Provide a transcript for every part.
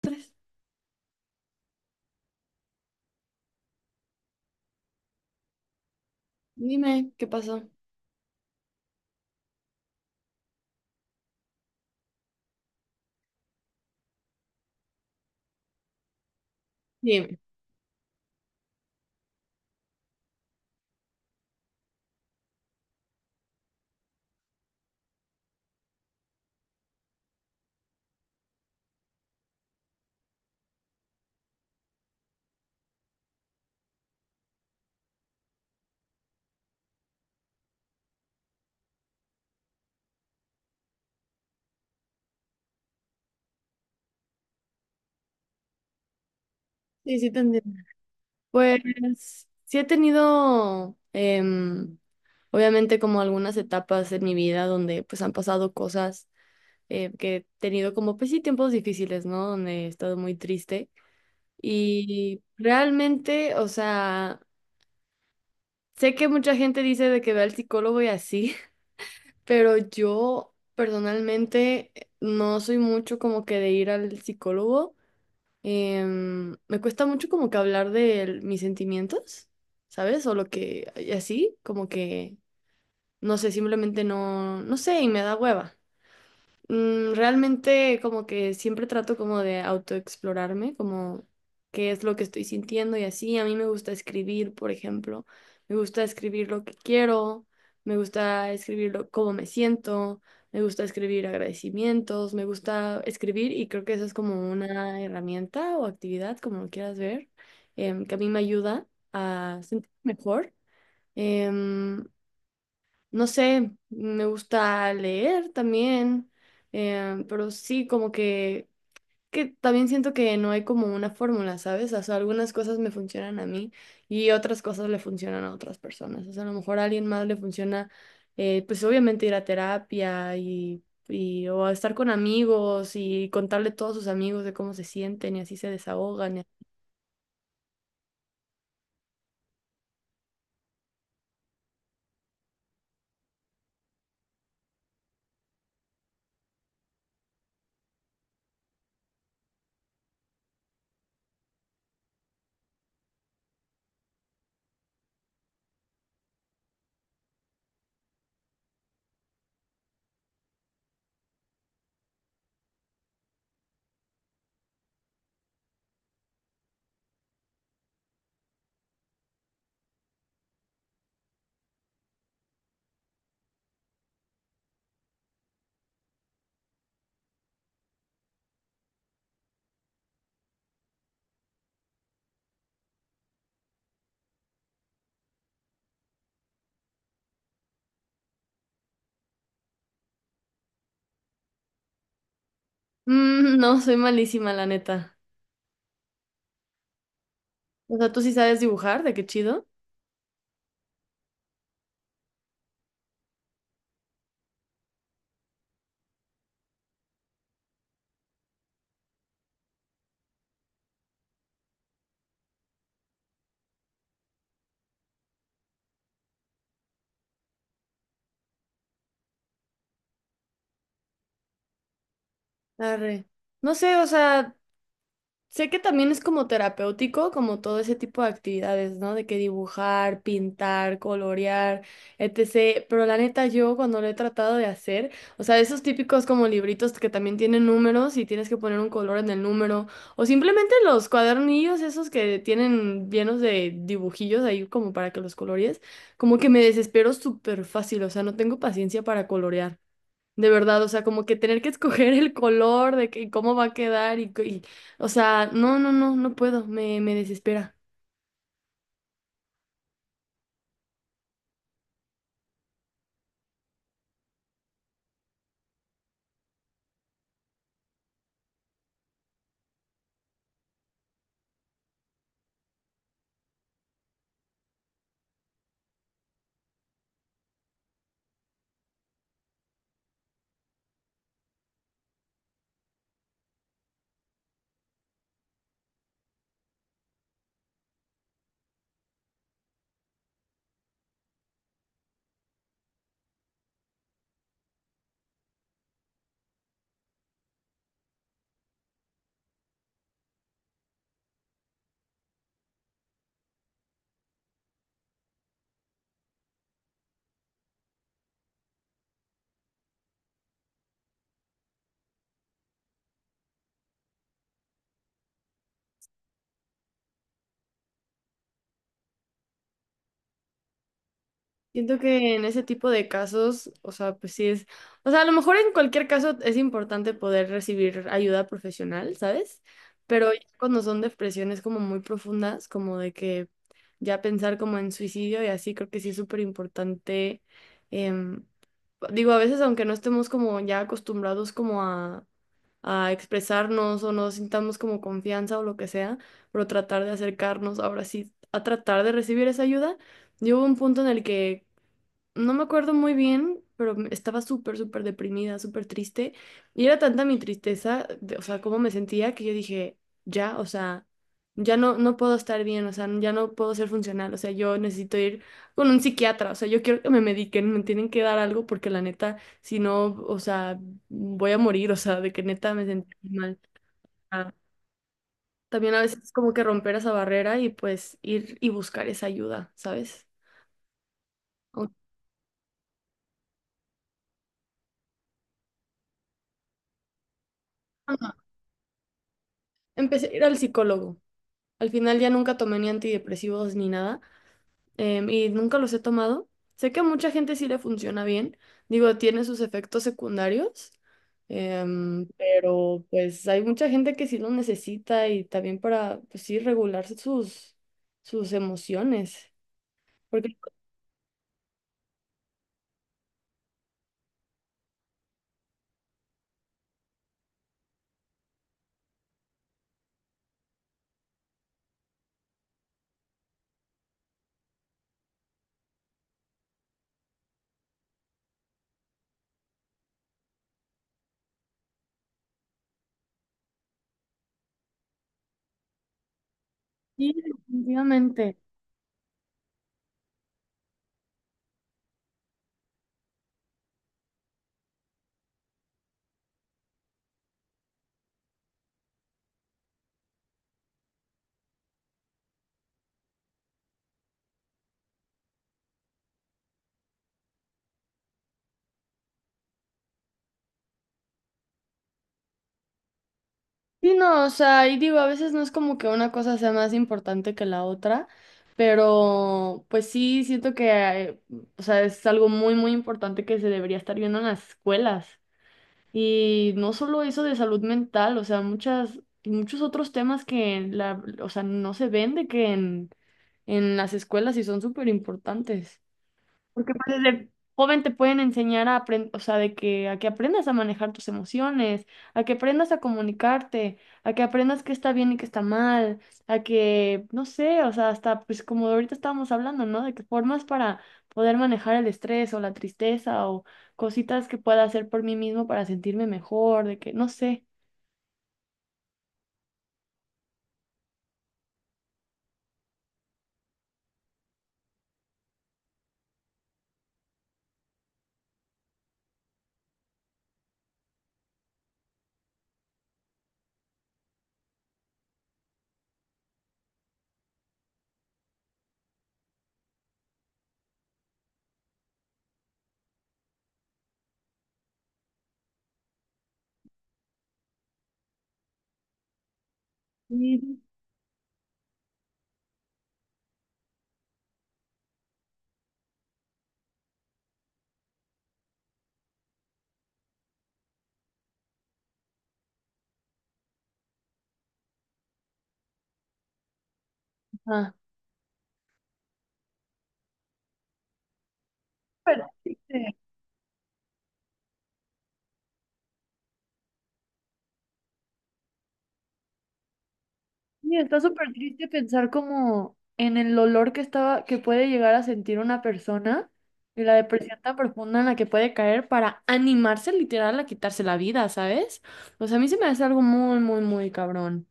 Tres. Dime qué pasó. Dime. Sí, sí te entiendo. Pues sí he tenido, obviamente, como algunas etapas en mi vida donde pues han pasado cosas que he tenido como, pues sí, tiempos difíciles, ¿no? Donde he estado muy triste. Y realmente, o sea, sé que mucha gente dice de que ve al psicólogo y así, pero yo personalmente no soy mucho como que de ir al psicólogo. Me cuesta mucho como que hablar de mis sentimientos, ¿sabes? O lo que, y así, como que, no sé, simplemente no, no sé, y me da hueva. Mm, realmente como que siempre trato como de autoexplorarme, como qué es lo que estoy sintiendo y así. A mí me gusta escribir, por ejemplo. Me gusta escribir lo que quiero, me gusta escribir cómo me siento, me gusta escribir agradecimientos, me gusta escribir y creo que eso es como una herramienta o actividad, como lo quieras ver, que a mí me ayuda a sentirme mejor. Em, no sé, me gusta leer también, pero sí, como que también siento que no hay como una fórmula, ¿sabes? O sea, algunas cosas me funcionan a mí y otras cosas le funcionan a otras personas. O sea, a lo mejor a alguien más le funciona, pues obviamente ir a terapia y o a estar con amigos y contarle a todos sus amigos de cómo se sienten y así se desahogan. Y Mm, no, soy malísima, la neta. O sea, ¿tú sí sabes dibujar? ¿De qué chido? Arre. No sé, o sea, sé que también es como terapéutico, como todo ese tipo de actividades, ¿no? De que dibujar, pintar, colorear, etc. Pero la neta, yo cuando lo he tratado de hacer, o sea, esos típicos como libritos que también tienen números y tienes que poner un color en el número, o simplemente los cuadernillos esos que tienen llenos de dibujillos ahí como para que los colorees, como que me desespero súper fácil, o sea, no tengo paciencia para colorear. De verdad, o sea, como que tener que escoger el color de que y cómo va a quedar o sea, no, no, no, no puedo, me desespera. Siento que en ese tipo de casos, o sea, pues sí es, o sea, a lo mejor en cualquier caso es importante poder recibir ayuda profesional, ¿sabes? Pero ya cuando son depresiones como muy profundas, como de que ya pensar como en suicidio y así, creo que sí es súper importante. em, Digo, a veces aunque no estemos como ya acostumbrados como a expresarnos o no sintamos como confianza o lo que sea, pero tratar de acercarnos ahora sí a tratar de recibir esa ayuda. Yo hubo un punto en el que no me acuerdo muy bien, pero estaba súper, súper deprimida, súper triste. Y era tanta mi tristeza, de- o sea, cómo me sentía, que yo dije, ya, o sea, ya no, no puedo estar bien, o sea, ya no puedo ser funcional, o sea, yo necesito ir con un psiquiatra, o sea, yo quiero que me mediquen, me tienen que dar algo porque la neta, si no, o sea, voy a morir, o sea, de que neta me sentí mal. Ah, también a veces es como que romper esa barrera y pues ir y buscar esa ayuda, ¿sabes? Aunque- bueno, Empecé a ir al psicólogo. Al final ya nunca tomé ni antidepresivos ni nada, y nunca los he tomado. Sé que a mucha gente sí le funciona bien, digo, tiene sus efectos secundarios, pero pues hay mucha gente que sí lo necesita y también para, pues sí, regularse sus, sus emociones. Porque pues, sí, definitivamente. Sí, no, o sea, y digo, a veces no es como que una cosa sea más importante que la otra, pero pues sí, siento que, o sea, es algo muy, muy importante que se debería estar viendo en las escuelas. Y no solo eso de salud mental, o sea, muchos otros temas que o sea, no se ven de que en las escuelas y son súper importantes. Porque pues, desde joven te pueden enseñar a aprender, o sea, de que a que aprendas a manejar tus emociones, a que aprendas a comunicarte, a que aprendas qué está bien y qué está mal, a que, no sé, o sea, hasta pues como ahorita estábamos hablando, ¿no? De que formas para poder manejar el estrés o la tristeza o cositas que pueda hacer por mí mismo para sentirme mejor, de que, no sé. Sí. Ah. Pero sí, y está súper triste pensar como en el dolor que estaba, que puede llegar a sentir una persona y la depresión tan profunda en la que puede caer para animarse literal a quitarse la vida, ¿sabes? O sea, a mí se me hace algo muy, muy, muy cabrón.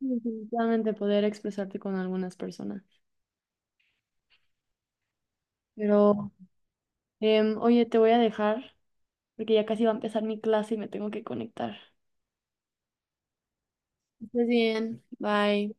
Sí, definitivamente poder expresarte con algunas personas. Pero, oye, te voy a dejar porque ya casi va a empezar mi clase y me tengo que conectar. Que estés bien. Bye.